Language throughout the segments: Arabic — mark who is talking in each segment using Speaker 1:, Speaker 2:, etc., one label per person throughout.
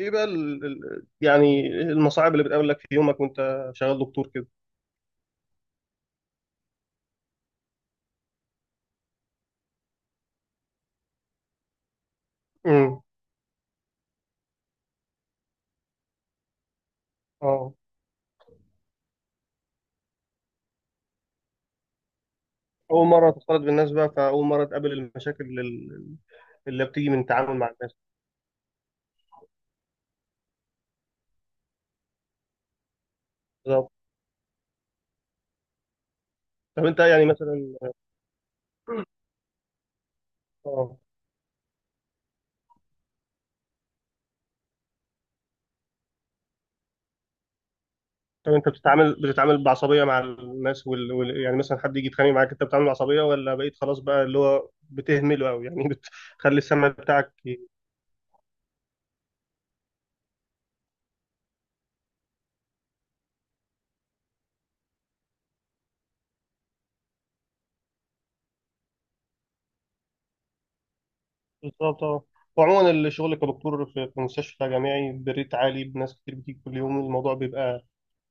Speaker 1: ايه بقى يعني المصاعب اللي بتقابلك في يومك وانت شغال دكتور كده. امم اه اول مره تختلط بالناس بقى، فاول مره تقابل اللي بتيجي من التعامل مع الناس. بالظبط. طب انت يعني مثلا اه. طب انت بتتعامل بعصبيه مع الناس يعني مثلا حد يجي يتخانق معاك، انت بتتعامل بعصبيه، ولا بقيت خلاص بقى اللي هو بتهمله قوي يعني؟ بتخلي السمع بتاعك بالظبط اه. وعموما الشغل كدكتور في مستشفى جامعي بريت عالي، بناس كتير بتيجي كل يوم، الموضوع بيبقى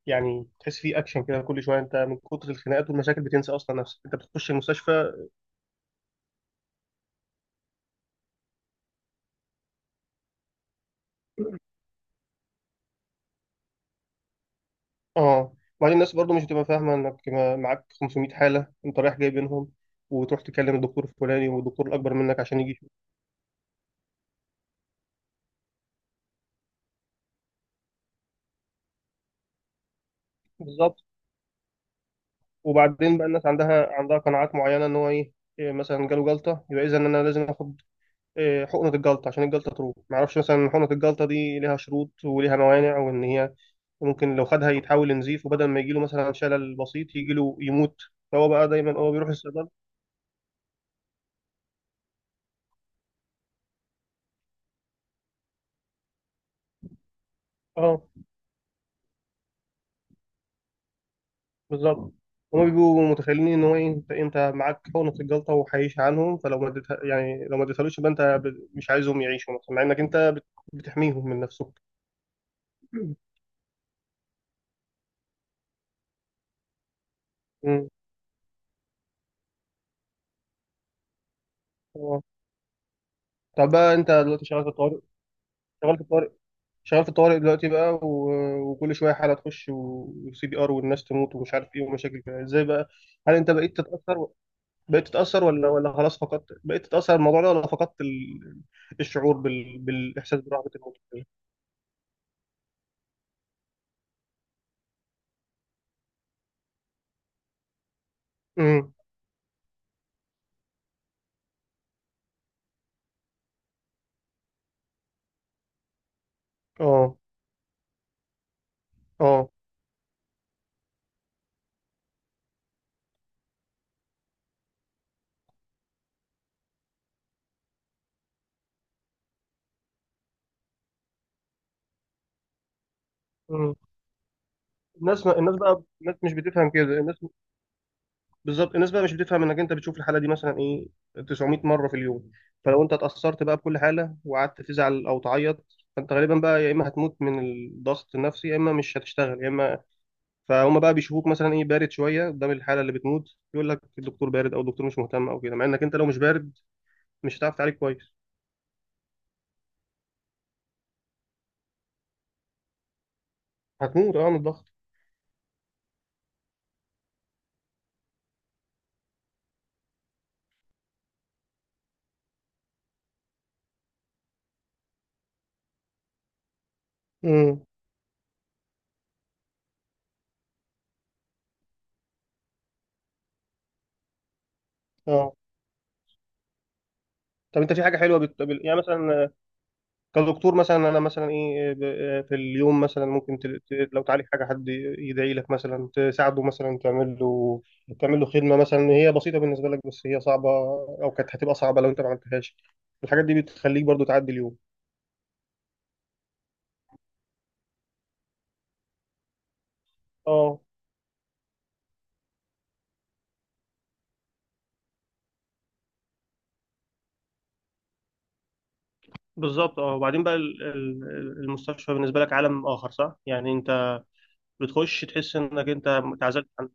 Speaker 1: يعني تحس فيه اكشن كده. كل شويه انت من كتر الخناقات والمشاكل بتنسى اصلا نفسك انت بتخش المستشفى. اه، وبعدين الناس برضو مش بتبقى فاهمه انك معاك 500 حاله، انت رايح جاي بينهم، وتروح تكلم الدكتور الفلاني والدكتور الاكبر منك عشان يجي يشوف. بالظبط. وبعدين بقى الناس عندها قناعات معينه، ان هو ايه، إيه مثلا جاله جلطه، يبقى اذا ان انا لازم اخد إيه، حقنه الجلطه عشان الجلطه تروح. ما اعرفش مثلا حقنه الجلطه دي ليها شروط وليها موانع، وان هي وممكن لو خدها يتحول لنزيف، وبدل ما يجيله مثلا شلل بسيط يجيله يموت. فهو بقى دايما هو بيروح الصيدلة. اه بالظبط. هما بيبقوا متخيلين ان هو إيه، انت معاك حقنة الجلطة وهيعيش عنهم، فلو ما اديتها يعني لو ما اديتهالوش يبقى انت مش عايزهم يعيشوا مثلا، مع انك انت بتحميهم من نفسك. مم. اه. طب بقى انت دلوقتي شغال في الطوارئ. شغال في الطوارئ، شغال في الطوارئ دلوقتي بقى، وكل شويه حاله تخش وسي بي ار والناس تموت ومش عارف ايه ومشاكل كده، ازاي بقى؟ هل انت بقيت تتاثر؟ بقيت تتأثر ولا خلاص فقدت؟ بقيت تتأثر الموضوع ده، ولا فقدت الشعور بالإحساس برحمة الموت؟ امم اه. اه امم. الناس مش بتفهم كده الناس. بالظبط. الناس بقى مش بتفهم انك انت بتشوف الحالة دي مثلا ايه 900 مرة في اليوم. فلو انت اتأثرت بقى بكل حالة وقعدت تزعل او تعيط، فانت غالبا بقى يا اما هتموت من الضغط النفسي، يا اما مش هتشتغل، يا اما فهم بقى بيشوفوك مثلا ايه بارد شويه قدام الحاله اللي بتموت، يقول لك الدكتور بارد او الدكتور مش مهتم او كده، مع انك انت لو مش بارد مش هتعرف تعالج كويس. هتموت اه من الضغط. امم اه. طب انت في حاجه حلوه يعني مثلا كدكتور مثلا انا مثلا ايه، آه، ب... آه، في اليوم مثلا ممكن لو تعالج حاجه، حد يدعي لك مثلا، تساعده مثلا، تعمل له خدمه مثلا هي بسيطه بالنسبه لك بس هي صعبه، او كانت هتبقى صعبه لو انت ما عملتهاش، الحاجات دي بتخليك برضو تعدي اليوم؟ اه بالظبط اه. وبعدين بقى المستشفى بالنسبه لك عالم اخر صح؟ يعني انت بتخش تحس انك انت اتعزلت عن.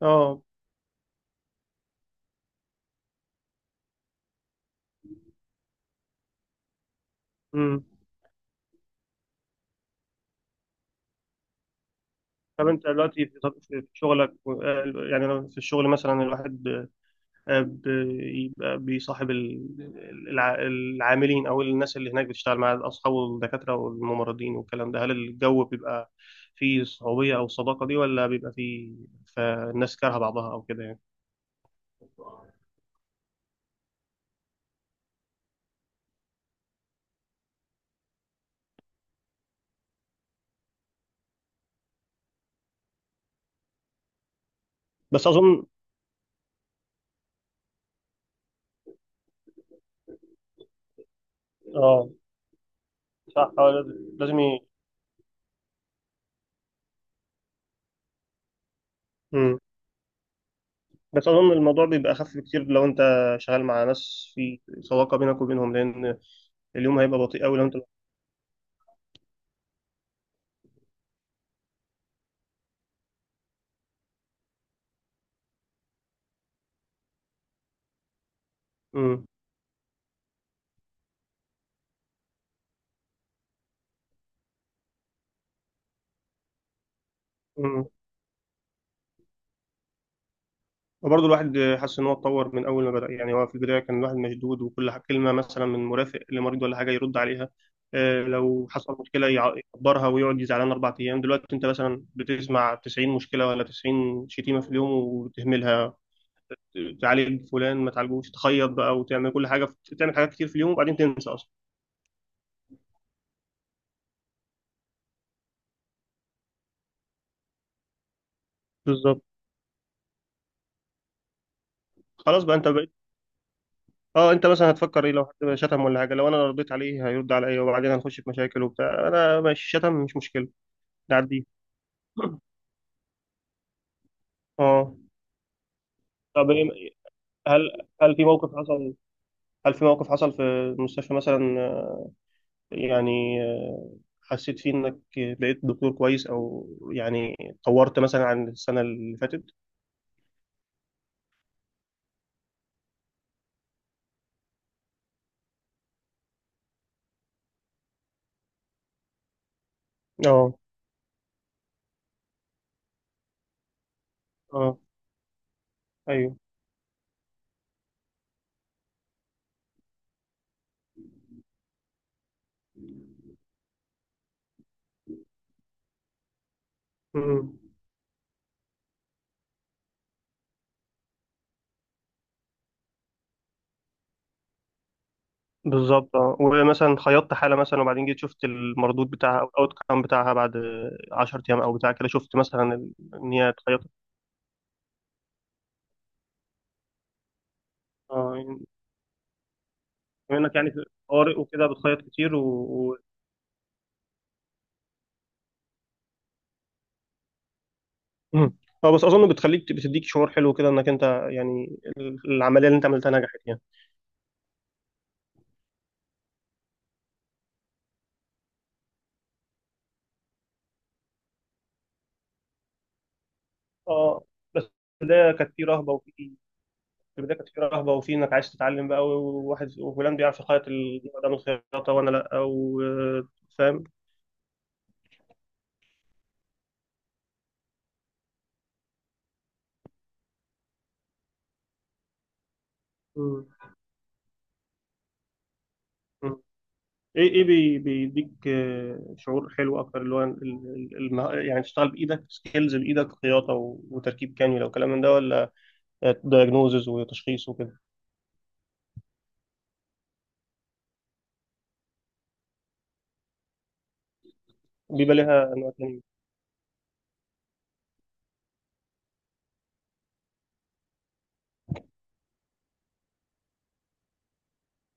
Speaker 1: اه. طب انت دلوقتي في شغلك، يعني انا في الشغل مثلا الواحد بيبقى بيصاحب العاملين او الناس اللي هناك بتشتغل مع اصحابه، والدكاتره والممرضين والكلام ده، هل الجو بيبقى فيه صعوبيه او الصداقه دي، ولا بيبقى فيه فالناس كارهه بعضها او كده يعني؟ بس اظن اه. صح هو لازم لازم مم. بس اظن الموضوع بيبقى اخف بكتير لو انت شغال مع ناس في صداقه بينك وبينهم، لان اليوم هيبقى بطيء قوي لو انت. مم. مم. وبرضه الواحد حاسس ان هو اتطور من اول ما بدأ. يعني هو في البداية كان الواحد مشدود، وكل كلمة مثلا من مرافق لمريض ولا حاجة يرد عليها، لو حصل مشكلة يقدرها ويقعد يزعلان أربع أيام. دلوقتي أنت مثلا بتسمع 90 مشكلة ولا 90 شتيمة في اليوم وتهملها، تعالج فلان ما تعالجوش، تخيط بقى وتعمل كل حاجة، تعمل حاجات كتير في اليوم وبعدين تنسى أصلا. بالظبط. خلاص بقى أنت بقيت أه. أنت مثلا هتفكر إيه؟ لو حد شتم ولا حاجة، لو أنا رديت عليه هيرد عليا وبعدين هنخش في مشاكل وبتاع. أنا ماشي، شتم مش مشكلة، نعديه. أه. طب إيه- هل هل في موقف حصل، هل في موقف حصل في المستشفى مثلا يعني آه، حسيت فيه انك بقيت دكتور كويس، او يعني طورت مثلا عن السنة اللي فاتت؟ اه اه ايوه. مم. بالظبط اه. ومثلا خيطت حالة مثلا وبعدين جيت شفت المردود بتاعها او الاوت كام بتاعها بعد 10 ايام او بتاع كده، شفت مثلا ان هي اتخيطت. اه يعني بما انك يعني في طوارئ وكده بتخيط كتير مم. اه. بس اظن بتخليك بتديك شعور حلو كده، انك انت يعني العمليه اللي انت عملتها نجحت يعني. اه. بس في البدايه كانت في رهبه وفي، في البدايه كانت في رهبه وفي انك عايز تتعلم بقى، وواحد وفلان بيعرف يخيط النوع ده من الخياطه وانا لا، وفاهم. ايه ايه بيديك شعور حلو اكتر؟ اللي هو يعني تشتغل بايدك سكيلز بايدك، خياطه و- وتركيب كانيولا وكلام من ده، ولا دايجنوزز وتشخيص وكده بيبقى ليها انواع تانية؟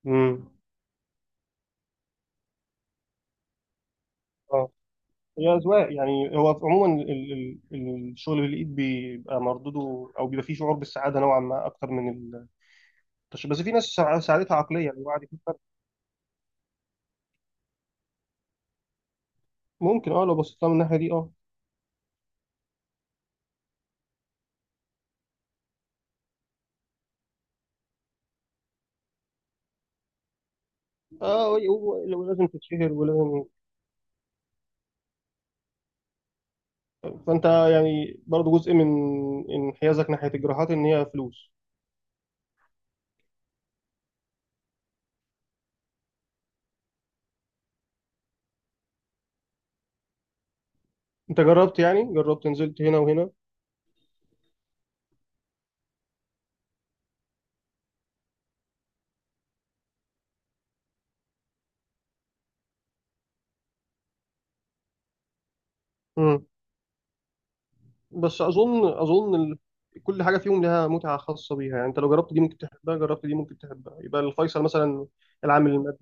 Speaker 1: امم. هي أذواق يعني. هو عموما الشغل بالإيد بيبقى مردوده أو بيبقى فيه شعور بالسعادة نوعا ما أكتر من التشريح، بس في ناس سعادتها عقلية يعني، الواحد يكون فرق. ممكن أه. لو بصيت لها من الناحية دي أه. أه، ولازم تتشهر ولازم. فأنت يعني برضه جزء من انحيازك ناحية الجراحات إن هي فلوس. أنت جربت يعني جربت نزلت هنا وهنا. مم. بس أظن أظن كل حاجة فيهم لها متعة خاصة بيها يعني. أنت لو جربت دي ممكن تحبها، جربت دي ممكن تحبها، يبقى الفيصل مثلا العامل المادي.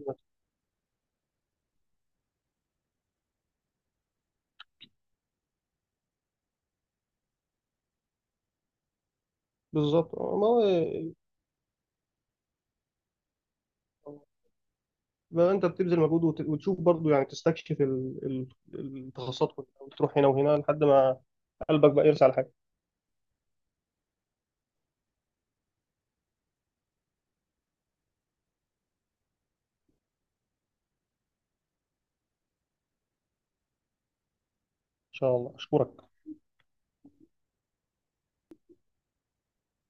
Speaker 1: بالظبط ما هو بقى انت بتبذل مجهود وتشوف برضو، يعني تستكشف التخصصات كلها، وتروح هنا وهنا لحد ما قلبك بقى يرسى على حاجه. ان شاء الله. اشكرك.